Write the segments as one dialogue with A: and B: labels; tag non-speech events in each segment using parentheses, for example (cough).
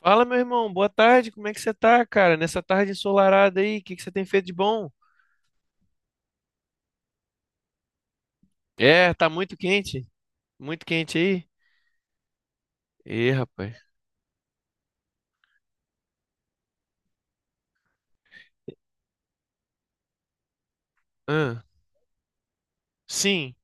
A: Fala, meu irmão, boa tarde, como é que você tá, cara? Nessa tarde ensolarada aí, o que que você tem feito de bom? É, tá muito quente aí? Ê, rapaz. Ahn, sim,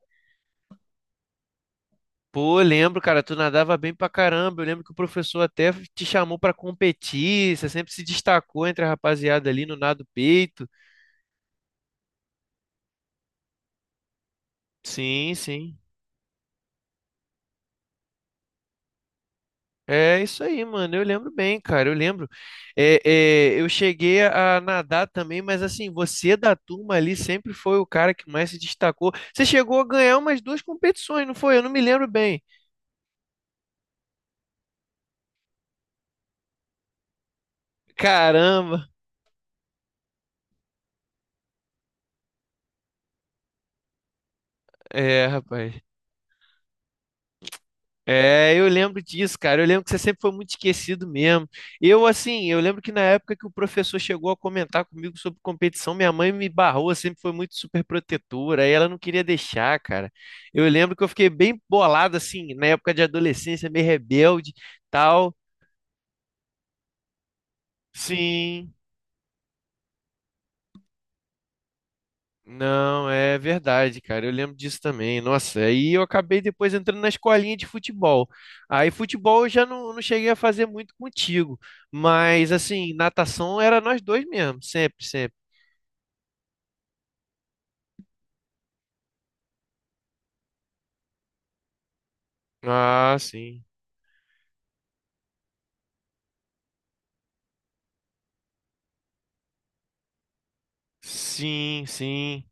A: pô, eu lembro, cara, tu nadava bem pra caramba, eu lembro que o professor até te chamou pra competir, você sempre se destacou entre a rapaziada ali no nado peito. Sim, sim. É isso aí, mano. Eu lembro bem, cara. Eu lembro. É, é, eu cheguei a nadar também, mas assim, você da turma ali sempre foi o cara que mais se destacou. Você chegou a ganhar umas duas competições, não foi? Eu não me lembro bem. Caramba! É, rapaz. É, eu lembro disso, cara. Eu lembro que você sempre foi muito esquecido mesmo. Eu, assim, eu lembro que na época que o professor chegou a comentar comigo sobre competição, minha mãe me barrou, sempre foi muito super protetora, aí ela não queria deixar, cara. Eu lembro que eu fiquei bem bolado, assim, na época de adolescência, meio rebelde, tal. Sim. Não, é verdade, cara. Eu lembro disso também. Nossa, aí eu acabei depois entrando na escolinha de futebol. Aí futebol eu já não cheguei a fazer muito contigo. Mas assim, natação era nós dois mesmo, sempre, sempre. Ah, sim. Sim, sim.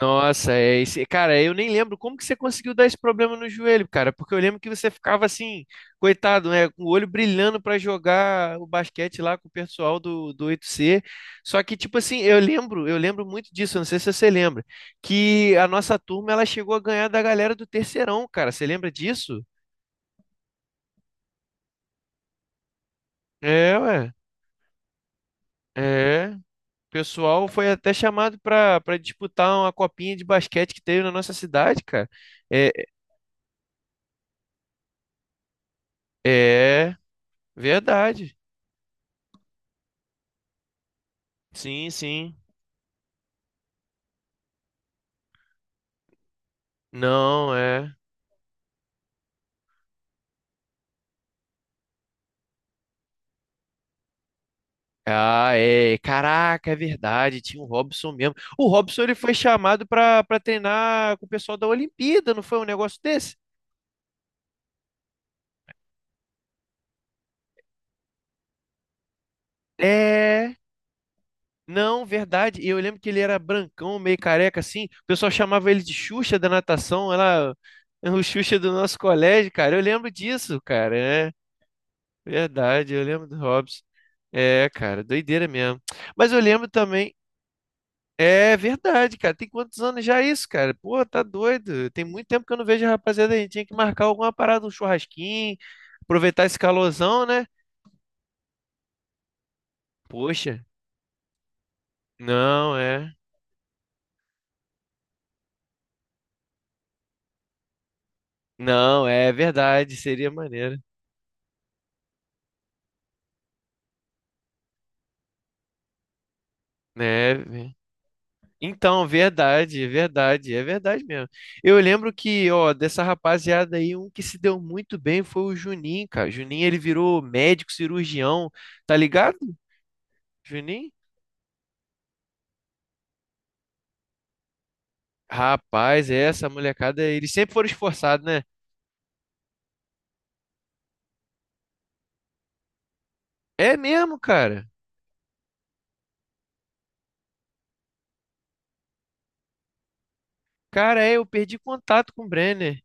A: Nossa, é esse. Cara, eu nem lembro como que você conseguiu dar esse problema no joelho, cara, porque eu lembro que você ficava assim, coitado, né, com o olho brilhando pra jogar o basquete lá com o pessoal do 8C. Só que tipo assim, eu lembro muito disso, eu não sei se você lembra, que a nossa turma ela chegou a ganhar da galera do terceirão, cara. Você lembra disso? É, ué. É. O pessoal foi até chamado para disputar uma copinha de basquete que teve na nossa cidade, cara. É, é verdade. Sim, sim. Não, é. Ah, é. Caraca, é verdade. Tinha o Robson mesmo. O Robson ele foi chamado pra para treinar com o pessoal da Olimpíada, não foi um negócio desse? É. Não, verdade. E eu lembro que ele era brancão, meio careca assim. O pessoal chamava ele de Xuxa da natação. Ela (laughs) é o Xuxa do nosso colégio, cara. Eu lembro disso, cara. É verdade. Eu lembro do Robson. É, cara, doideira mesmo. Mas eu lembro também. É verdade, cara. Tem quantos anos já isso, cara? Pô, tá doido. Tem muito tempo que eu não vejo a rapaziada. A gente tinha que marcar alguma parada, um churrasquinho, aproveitar esse calorzão, né? Poxa, não é. Não, é verdade. Seria maneiro, né? Então, verdade, é verdade. É verdade mesmo. Eu lembro que, ó, dessa rapaziada aí, um que se deu muito bem foi o Juninho, cara. Juninho, ele virou médico cirurgião, tá ligado? Juninho? Rapaz, é essa molecada, eles sempre foram esforçados, né? É mesmo, cara. Cara, é, eu perdi contato com o Brenner.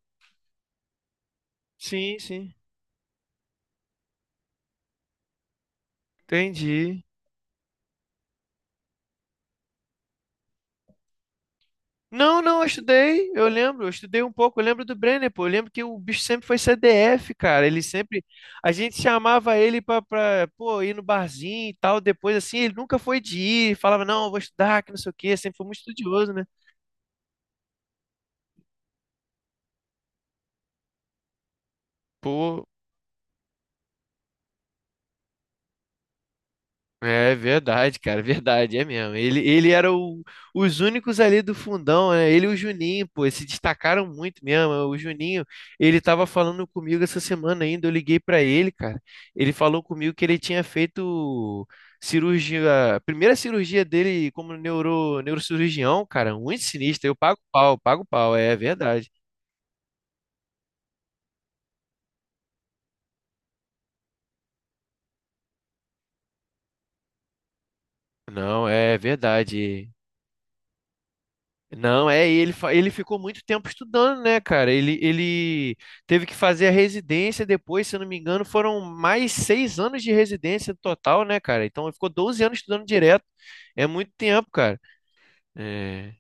A: Sim, sim, entendi. Não, não, eu estudei, eu lembro, eu estudei um pouco, eu lembro do Brenner, pô, eu lembro que o bicho sempre foi CDF, cara, ele sempre, a gente chamava ele pô, ir no barzinho e tal, depois assim, ele nunca foi de ir, falava, não, eu vou estudar, que não sei o quê, sempre foi muito estudioso, né? Pô, é verdade, cara, verdade, é mesmo. Ele era os únicos ali do fundão, né? Ele e o Juninho, pô, eles se destacaram muito mesmo. O Juninho, ele tava falando comigo essa semana ainda, eu liguei pra ele, cara. Ele falou comigo que ele tinha feito cirurgia, a primeira cirurgia dele como neurocirurgião, cara, muito sinistro. Eu pago pau, é verdade. Não, é verdade. Não, é, ele, ele ficou muito tempo estudando, né, cara? Ele teve que fazer a residência depois, se eu não me engano, foram mais 6 anos de residência no total, né, cara? Então ele ficou 12 anos estudando direto. É muito tempo, cara. É.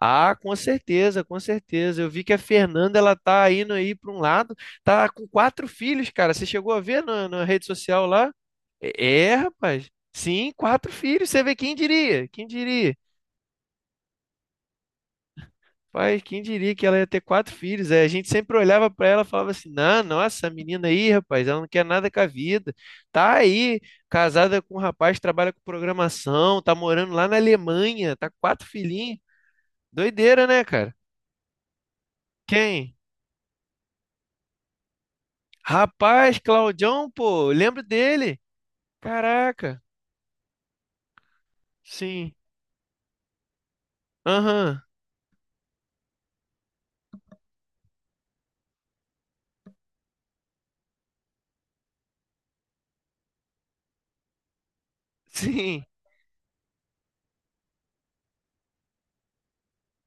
A: Ah, com certeza, com certeza. Eu vi que a Fernanda, ela tá indo aí para um lado, tá com quatro filhos, cara. Você chegou a ver na, na rede social lá? É, é, rapaz. Sim, quatro filhos. Você vê quem diria? Quem diria? Pai, quem diria que ela ia ter quatro filhos? É, a gente sempre olhava para ela e falava assim: não, nossa, essa menina aí, rapaz, ela não quer nada com a vida. Tá aí, casada com um rapaz, trabalha com programação, tá morando lá na Alemanha, tá com quatro filhinhos. Doideira, né, cara? Quem? Rapaz, Claudião, pô, eu lembro dele. Caraca, sim, aham, sim,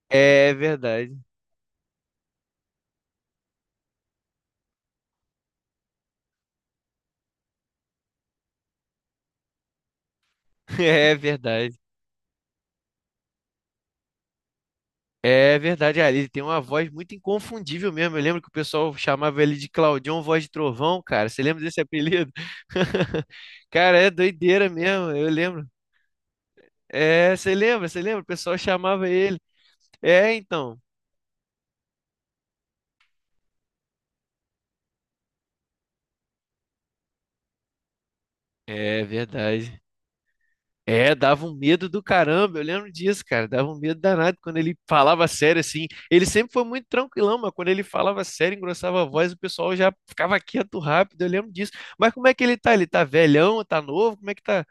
A: é verdade, (laughs) é verdade. É verdade, ah, ele tem uma voz muito inconfundível mesmo. Eu lembro que o pessoal chamava ele de Claudião Voz de Trovão, cara. Você lembra desse apelido? (laughs) Cara, é doideira mesmo, eu lembro. É, você lembra, você lembra? O pessoal chamava ele. É, então. É verdade. É, dava um medo do caramba, eu lembro disso, cara. Dava um medo danado quando ele falava sério assim. Ele sempre foi muito tranquilão, mas quando ele falava sério, engrossava a voz, o pessoal já ficava quieto rápido, eu lembro disso. Mas como é que ele tá? Ele tá velhão, tá novo? Como é que tá?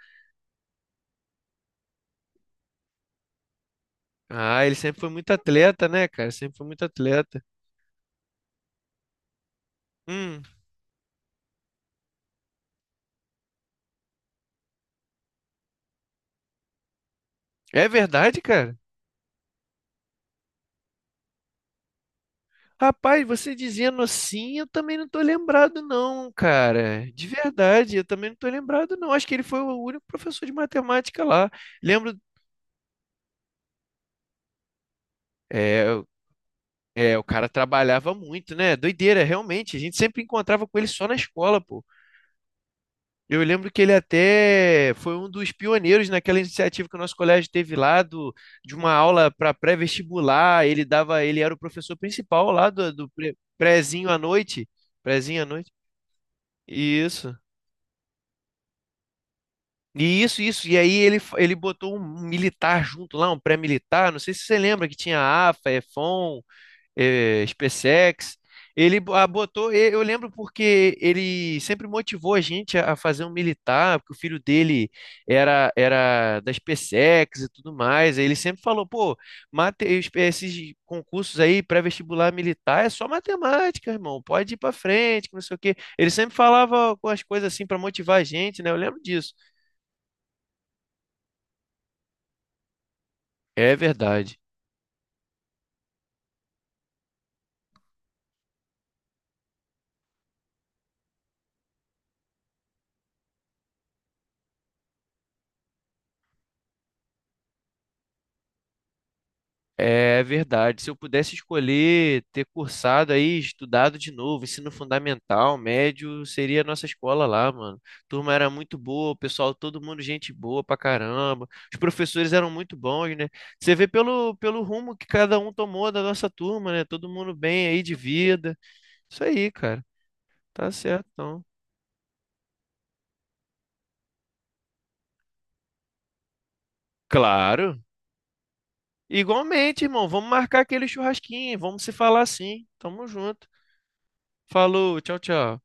A: Ah, ele sempre foi muito atleta, né, cara? Sempre foi muito atleta. Hum, é verdade, cara? Rapaz, você dizendo assim, eu também não tô lembrado, não, cara. De verdade, eu também não tô lembrado, não. Acho que ele foi o único professor de matemática lá. Lembro. É, é, o cara trabalhava muito, né? Doideira, realmente. A gente sempre encontrava com ele só na escola, pô. Eu lembro que ele até foi um dos pioneiros naquela iniciativa que o nosso colégio teve lá do, de uma aula para pré-vestibular. Ele dava, ele era o professor principal lá do prézinho à noite, prézinho à noite. Isso. E isso, isso. E aí ele, ele botou um militar junto lá, um pré-militar. Não sei se você lembra que tinha AFA, EFON. SpaceX. Ele botou, eu lembro porque ele sempre motivou a gente a fazer um militar, porque o filho dele era da SpaceX e tudo mais. Aí ele sempre falou, pô, mate, esses concursos aí pré-vestibular militar é só matemática, irmão. Pode ir pra frente, que não sei o quê. Ele sempre falava com as coisas assim pra motivar a gente, né? Eu lembro disso. É verdade. É verdade. Se eu pudesse escolher ter cursado aí, estudado de novo, ensino fundamental, médio, seria a nossa escola lá, mano. Turma era muito boa, o pessoal, todo mundo gente boa pra caramba. Os professores eram muito bons, né? Você vê pelo, pelo rumo que cada um tomou da nossa turma, né? Todo mundo bem aí de vida. Isso aí, cara. Tá certo, então. Claro. Igualmente, irmão. Vamos marcar aquele churrasquinho. Vamos se falar sim. Tamo junto. Falou, tchau, tchau.